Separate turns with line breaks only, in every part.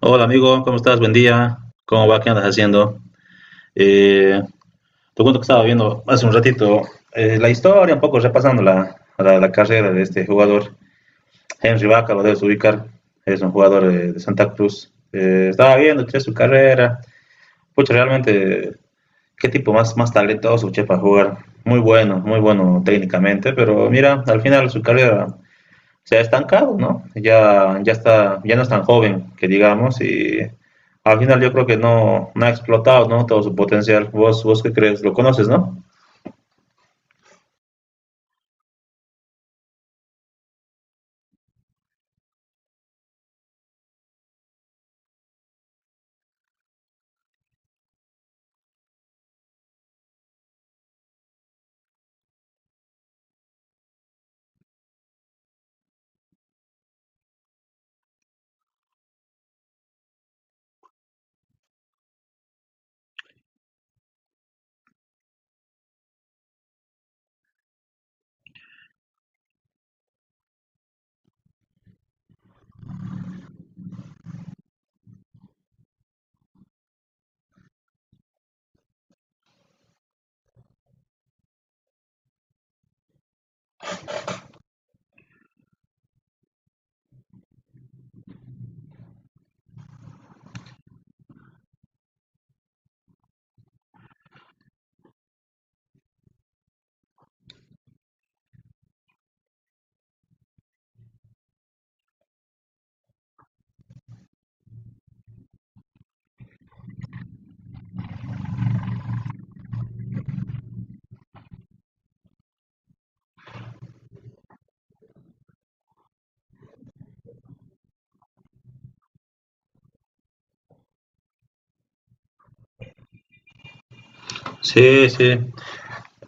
Hola amigo, ¿cómo estás? Buen día. ¿Cómo va? ¿Qué andas haciendo? Eh, Te cuento que estaba viendo hace un ratito la historia, un poco repasando la carrera de este jugador. Henry Vaca, lo debes ubicar, es un jugador de Santa Cruz. Estaba viendo che, su carrera. Pucha, realmente, qué tipo más talentoso che, para jugar. Muy bueno, muy bueno técnicamente, pero mira, al final su carrera se ha estancado, ¿no? Ya, ya, está, ya no es tan joven, que digamos, y al final yo creo que no ha explotado, ¿no? Todo su potencial. ¿Vos qué crees? ¿Lo conoces, no? Sí, sí.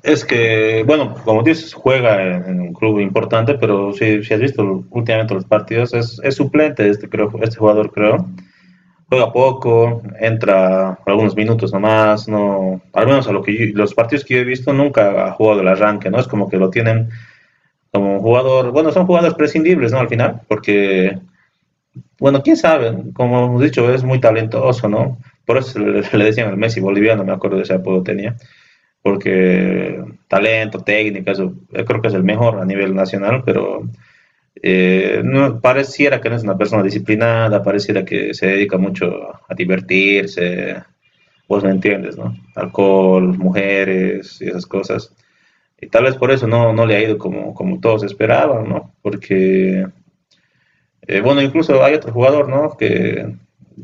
Es que, bueno, como dices, juega en un club importante, pero si has visto últimamente los partidos, es suplente este, creo, este jugador, creo. Juega poco, entra algunos minutos nomás, no, al menos a lo que los partidos que yo he visto nunca ha jugado el arranque, ¿no? Es como que lo tienen como un jugador, bueno, son jugadores prescindibles, ¿no? Al final, porque, bueno, quién sabe, como hemos dicho, es muy talentoso, ¿no? Por eso le decían el Messi boliviano, me acuerdo de ese apodo tenía, porque talento, técnica, eso, yo creo que es el mejor a nivel nacional, pero no, pareciera que no es una persona disciplinada, pareciera que se dedica mucho a divertirse, vos me entiendes, ¿no? Alcohol, mujeres y esas cosas. Y tal vez por eso no le ha ido como, como todos esperaban, ¿no? Porque, bueno, incluso hay otro jugador, ¿no? Que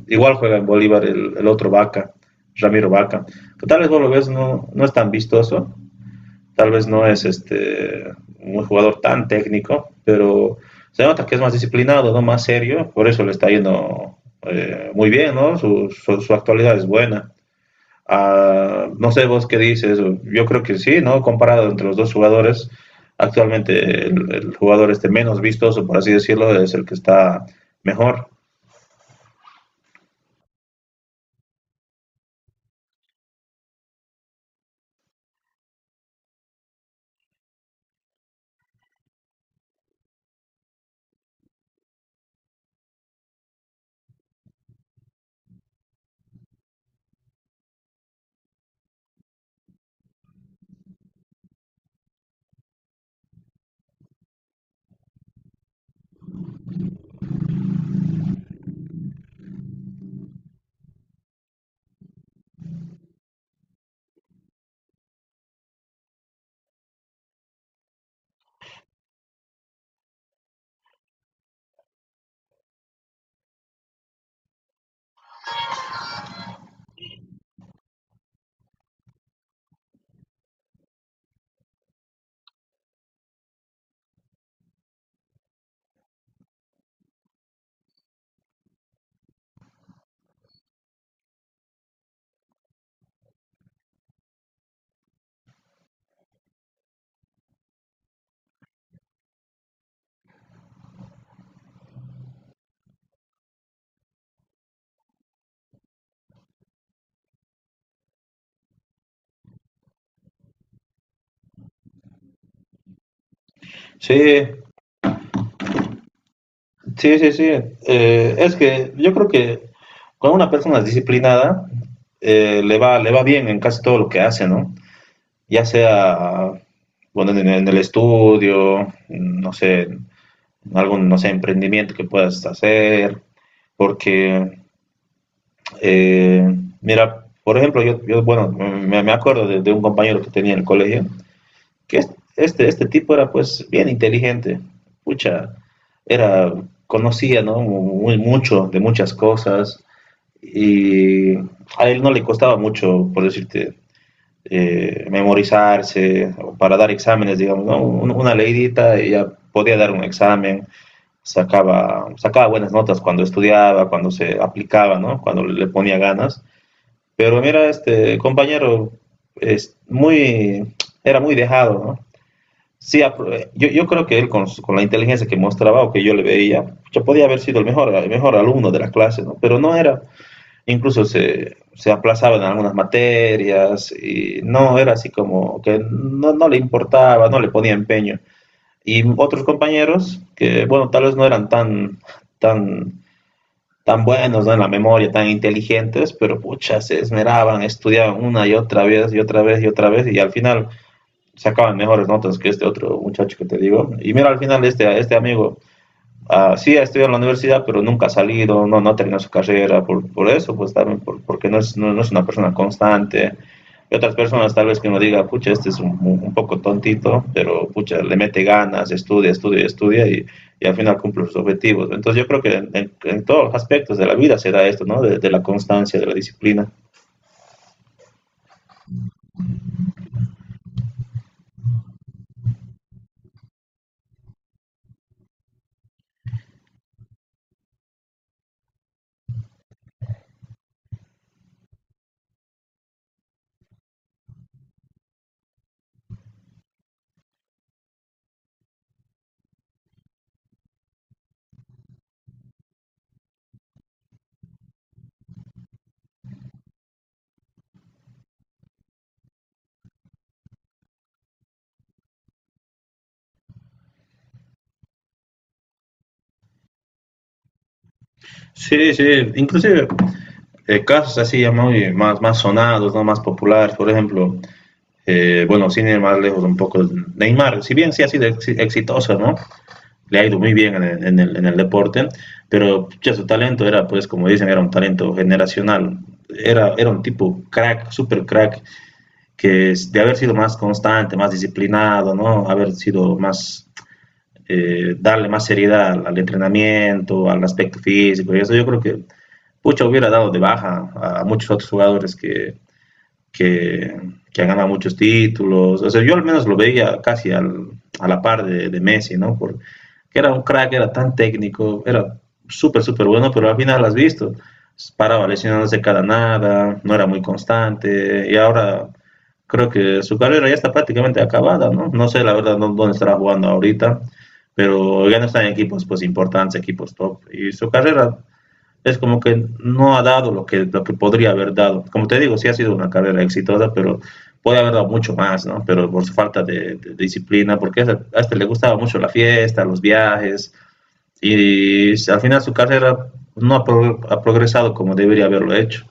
igual juega en Bolívar, el otro Vaca, Ramiro Vaca. Pero tal vez vos lo ves, no es tan vistoso, tal vez no es este, un jugador tan técnico, pero se nota que es más disciplinado, ¿no? Más serio, por eso le está yendo muy bien, ¿no? Su actualidad es buena. No sé vos qué dices, yo creo que sí, ¿no? Comparado entre los dos jugadores, actualmente jugador este menos vistoso, por así decirlo, es el que está mejor. Sí, sí, sí, sí. Es que yo creo que con una persona disciplinada le va bien en casi todo lo que hace, ¿no? Ya sea, bueno, en el estudio, no sé, en algún, no sé, emprendimiento que puedas hacer, porque Eh, mira, por ejemplo, yo bueno, me acuerdo un compañero que tenía en el colegio, que este tipo era pues bien inteligente, pucha, era, conocía, ¿no? Muy, mucho de muchas cosas y a él no le costaba mucho, por decirte, memorizarse o para dar exámenes, digamos, ¿no? Una leidita, ella podía dar un examen, sacaba buenas notas cuando estudiaba, cuando se aplicaba, ¿no? Cuando le ponía ganas. Pero mira, este compañero es muy, era muy dejado, ¿no? Sí, yo creo que él con la inteligencia que mostraba o que yo le veía, ya podía haber sido el mejor alumno de la clase, ¿no? Pero no era, incluso se aplazaba en algunas materias y no era así como que no le importaba, no le ponía empeño. Y otros compañeros que, bueno, tal vez no eran tan, tan tan buenos ¿no? en la memoria, tan inteligentes, pero pucha, se esmeraban, estudiaban una y otra vez y otra vez y otra vez y al final sacaban mejores notas que este otro muchacho que te digo. Y mira, al final este amigo ah, sí ha estudiado en la universidad, pero nunca ha salido, no ha terminado su carrera, por eso, pues también, porque no es una persona constante. Y otras personas tal vez que uno diga, pucha, este es un poco tontito, pero pucha, le mete ganas, estudia, estudia, estudia y al final cumple sus objetivos. Entonces yo creo que en todos los aspectos de la vida se da esto, ¿no? De la constancia, de la disciplina. Sí, sí, inclusive casos así ya muy más, más sonados, ¿no? Más populares, por ejemplo, bueno, sin ir más lejos un poco, Neymar, si bien sí ha sido ex exitoso, ¿no? Le ha ido muy bien en el deporte, pero ya su talento era, pues, como dicen, era un talento generacional. Era un tipo crack, super crack, que de haber sido más constante, más disciplinado, ¿no? Haber sido más, darle más seriedad entrenamiento, al aspecto físico y eso, yo creo que pucha hubiera dado de baja a muchos otros jugadores que, que ha ganado muchos títulos. O sea, yo al menos lo veía casi a la par de Messi, ¿no? Porque era un crack, era tan técnico, era súper, súper bueno, pero al final lo has visto. Paraba lesionándose cada nada, no era muy constante, y ahora creo que su carrera ya está prácticamente acabada, ¿no? No sé la verdad no, dónde estará jugando ahorita, pero ya no está en equipos pues importantes, equipos top. Y su carrera es como que no ha dado lo que podría haber dado. Como te digo, sí ha sido una carrera exitosa, pero puede haber dado mucho más, ¿no? Pero por su falta de disciplina, porque este le gustaba mucho la fiesta, los viajes, y al final su carrera no ha, pro, ha progresado como debería haberlo hecho.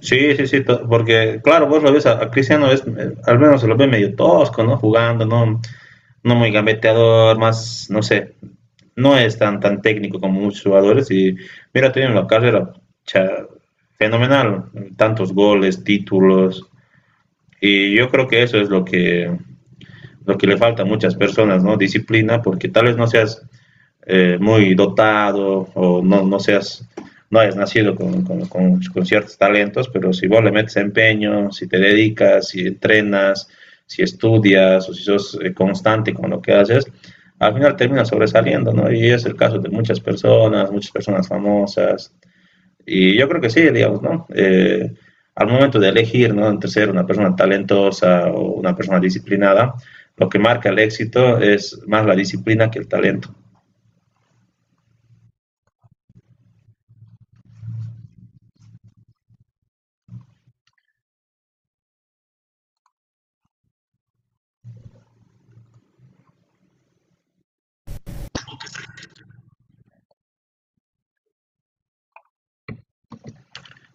Sí, sí, sí, porque claro, vos lo ves a Cristiano, es, al menos se lo ve medio tosco, ¿no? Jugando, ¿no? No muy gambeteador, más, no sé, no es tan, tan técnico como muchos jugadores y mira, tiene una carrera cha, fenomenal, tantos goles, títulos y yo creo que eso es lo que le falta a muchas personas, ¿no? Disciplina, porque tal vez no seas muy dotado o no seas no hayas nacido ciertos talentos, pero si vos le metes empeño, si te dedicas, si entrenas, si estudias o si sos constante con lo que haces, al final termina sobresaliendo, ¿no? Y es el caso de muchas personas famosas. Y yo creo que sí, digamos, ¿no? Al momento de elegir, ¿no? Entre ser una persona talentosa o una persona disciplinada, lo que marca el éxito es más la disciplina que el talento.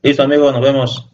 Listo amigos, nos vemos.